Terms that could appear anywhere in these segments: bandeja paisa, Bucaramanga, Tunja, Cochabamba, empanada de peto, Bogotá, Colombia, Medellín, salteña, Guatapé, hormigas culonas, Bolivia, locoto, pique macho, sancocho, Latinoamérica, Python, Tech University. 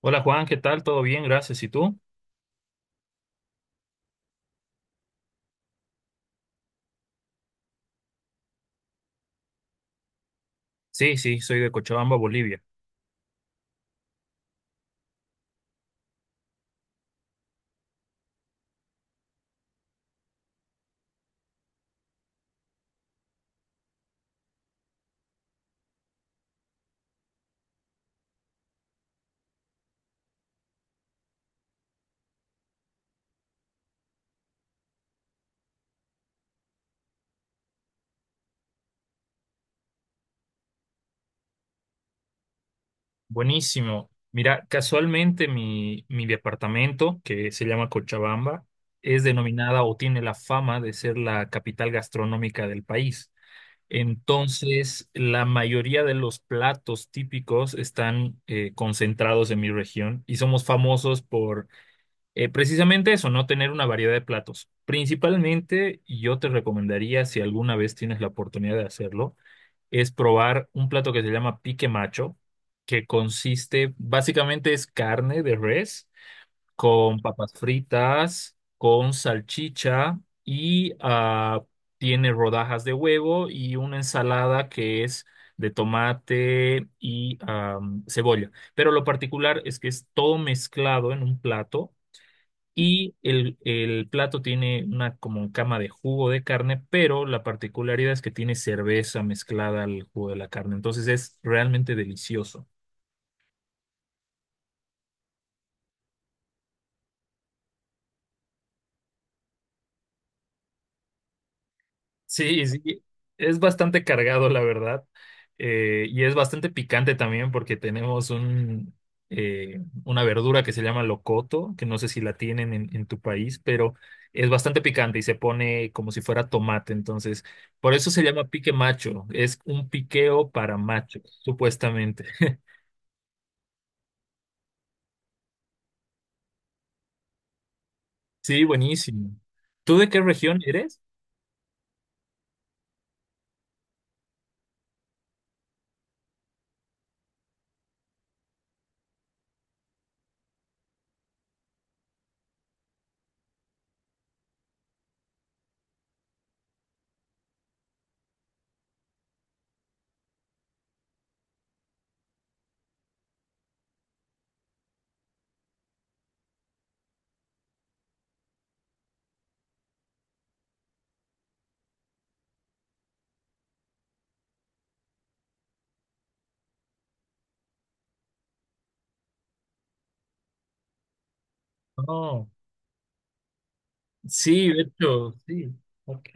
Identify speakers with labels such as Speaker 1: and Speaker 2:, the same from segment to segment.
Speaker 1: Hola Juan, ¿qué tal? ¿Todo bien? Gracias. ¿Y tú? Sí, sí, soy de Cochabamba, Bolivia. Buenísimo. Mira, casualmente mi departamento, que se llama Cochabamba, es denominada o tiene la fama de ser la capital gastronómica del país. Entonces, la mayoría de los platos típicos están concentrados en mi región y somos famosos por precisamente eso, no tener una variedad de platos. Principalmente, yo te recomendaría, si alguna vez tienes la oportunidad de hacerlo, es probar un plato que se llama pique macho, que consiste, básicamente es carne de res con papas fritas, con salchicha y tiene rodajas de huevo y una ensalada que es de tomate y cebolla. Pero lo particular es que es todo mezclado en un plato y el plato tiene una como cama de jugo de carne, pero la particularidad es que tiene cerveza mezclada al jugo de la carne. Entonces es realmente delicioso. Sí, sí, es bastante cargado, la verdad. Y es bastante picante también porque tenemos una verdura que se llama locoto, que no sé si la tienen en tu país, pero es bastante picante y se pone como si fuera tomate. Entonces, por eso se llama pique macho. Es un piqueo para machos, supuestamente. Sí, buenísimo. ¿Tú de qué región eres? No. Sí, de hecho, sí. Ok.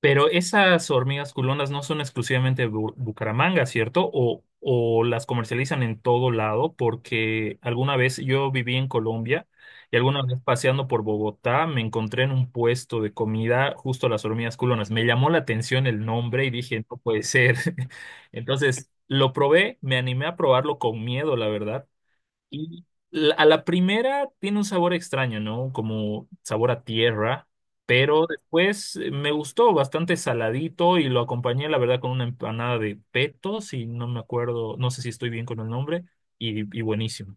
Speaker 1: Pero esas hormigas culonas no son exclusivamente de Bucaramanga, ¿cierto? O las comercializan en todo lado, porque alguna vez yo viví en Colombia y alguna vez paseando por Bogotá me encontré en un puesto de comida justo las hormigas culonas. Me llamó la atención el nombre y dije, no puede ser. Entonces lo probé, me animé a probarlo con miedo, la verdad y a la primera tiene un sabor extraño, ¿no? Como sabor a tierra, pero después me gustó bastante saladito y lo acompañé, la verdad, con una empanada de peto, si no me acuerdo, no sé si estoy bien con el nombre, y buenísimo.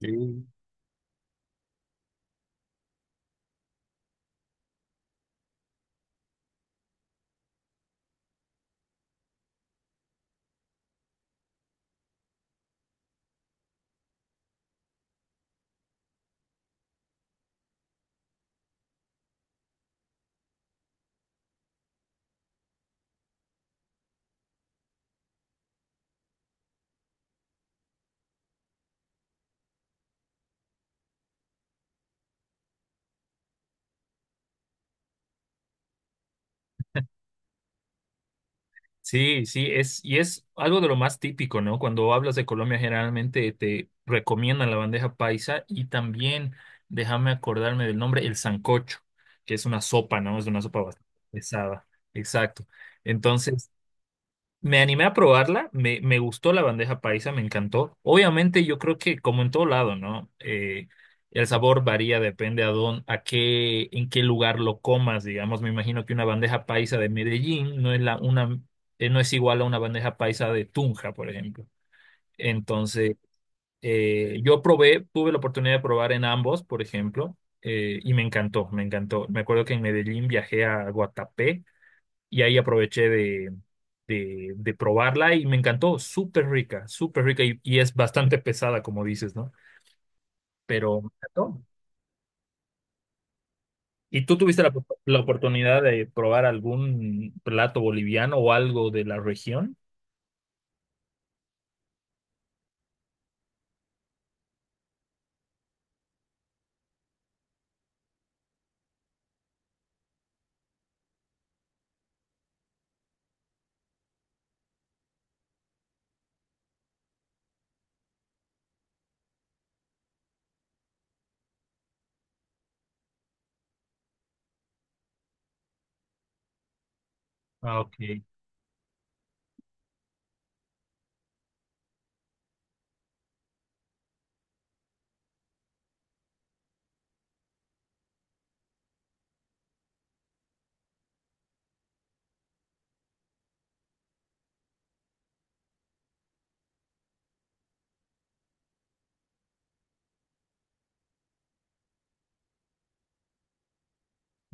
Speaker 1: Sí. Sí, sí, es, y es algo de lo más típico, ¿no? Cuando hablas de Colombia, generalmente te recomiendan la bandeja paisa y también, déjame acordarme del nombre, el sancocho, que es una sopa, ¿no? Es una sopa bastante pesada. Exacto. Entonces, me animé a probarla, me gustó la bandeja paisa, me encantó. Obviamente yo creo que como en todo lado, ¿no? El sabor varía, depende a dónde, a qué, en qué lugar lo comas, digamos. Me imagino que una bandeja paisa de Medellín no es no es igual a una bandeja paisa de Tunja, por ejemplo. Entonces, yo probé, tuve la oportunidad de probar en ambos, por ejemplo, y me encantó, me encantó. Me acuerdo que en Medellín viajé a Guatapé y ahí aproveché de probarla y me encantó, súper rica, súper rica y es bastante pesada, como dices, ¿no? Pero me encantó. ¿Y tú tuviste la oportunidad de probar algún plato boliviano o algo de la región? Ah, ok.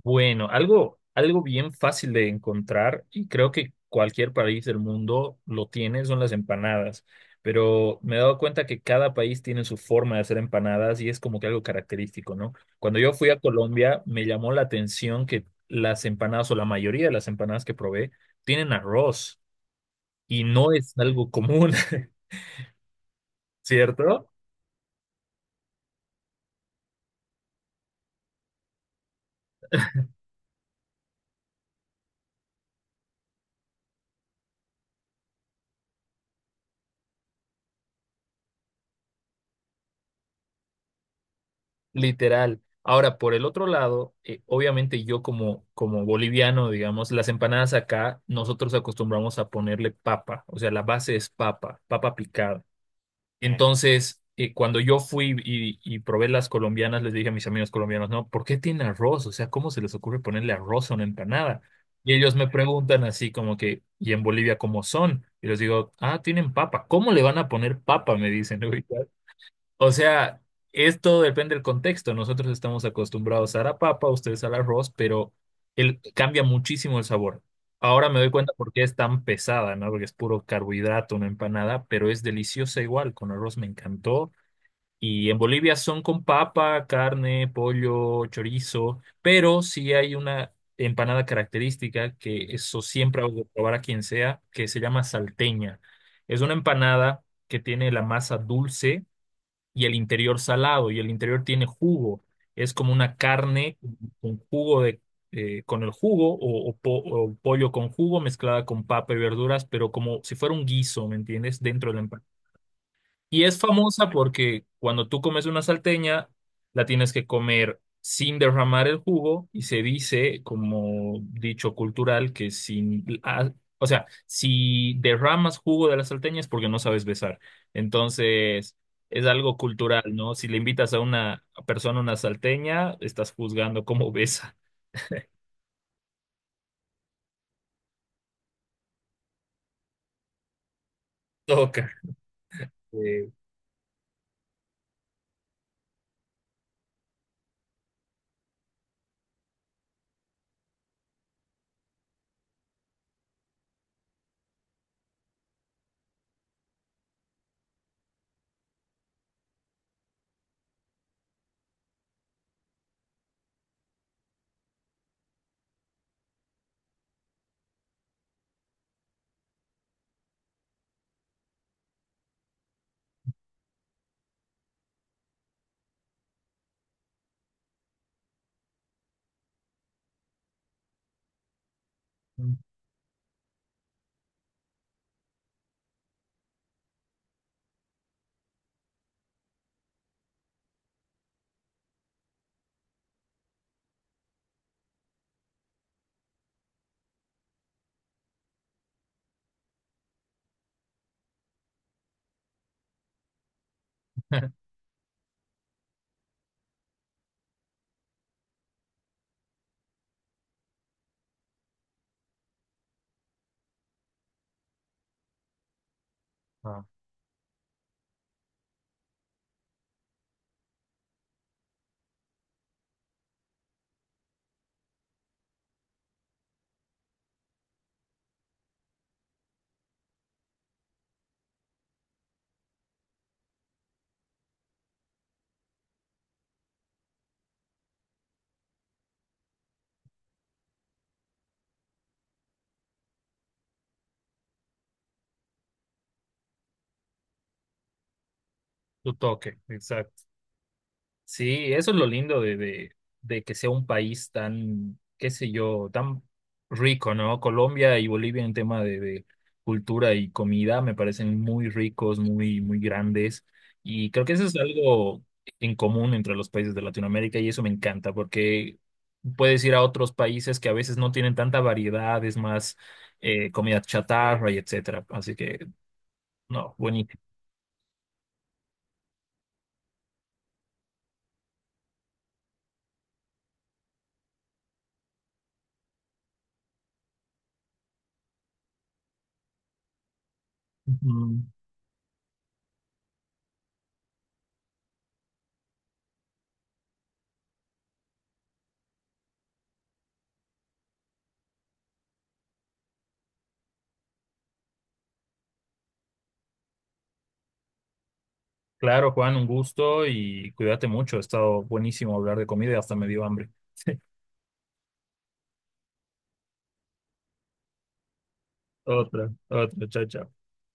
Speaker 1: Bueno, algo bien fácil de encontrar y creo que cualquier país del mundo lo tiene, son las empanadas. Pero me he dado cuenta que cada país tiene su forma de hacer empanadas y es como que algo característico, ¿no? Cuando yo fui a Colombia, me llamó la atención que las empanadas o la mayoría de las empanadas que probé tienen arroz y no es algo común, ¿cierto? Literal. Ahora, por el otro lado, obviamente yo como boliviano, digamos, las empanadas acá, nosotros acostumbramos a ponerle papa, o sea, la base es papa, papa picada. Entonces, cuando yo fui y probé las colombianas, les dije a mis amigos colombianos, no, ¿por qué tiene arroz? O sea, ¿cómo se les ocurre ponerle arroz a una empanada? Y ellos me preguntan así como que, ¿y en Bolivia cómo son? Y les digo, ah, tienen papa. ¿Cómo le van a poner papa? Me dicen. O sea, esto depende del contexto. Nosotros estamos acostumbrados a la papa, ustedes al arroz, pero cambia muchísimo el sabor. Ahora me doy cuenta por qué es tan pesada, ¿no? Porque es puro carbohidrato, una empanada, pero es deliciosa igual. Con arroz me encantó. Y en Bolivia son con papa, carne, pollo, chorizo, pero sí hay una empanada característica que eso siempre hago de probar a quien sea, que se llama salteña. Es una empanada que tiene la masa dulce y el interior salado y el interior tiene jugo. Es como una carne con jugo con el jugo o pollo con jugo mezclada con papa y verduras, pero como si fuera un guiso, ¿me entiendes? Dentro del y es famosa porque cuando tú comes una salteña, la tienes que comer sin derramar el jugo y se dice, como dicho cultural, que sin, ah, o sea, si derramas jugo de la salteña es porque no sabes besar. Entonces, es algo cultural, ¿no? Si le invitas a una persona una salteña, estás juzgando cómo besa. Toca. eh, ah, tu toque, exacto. Sí, eso es lo lindo de que sea un país tan, qué sé yo, tan rico, ¿no? Colombia y Bolivia en tema de cultura y comida me parecen muy ricos, muy grandes. Y creo que eso es algo en común entre los países de Latinoamérica y eso me encanta porque puedes ir a otros países que a veces no tienen tanta variedad, es más comida chatarra y etcétera. Así que, no, buenísimo. Claro, Juan, un gusto y cuídate mucho. Ha estado buenísimo hablar de comida y hasta me dio hambre. Otra, otra, chao, chao.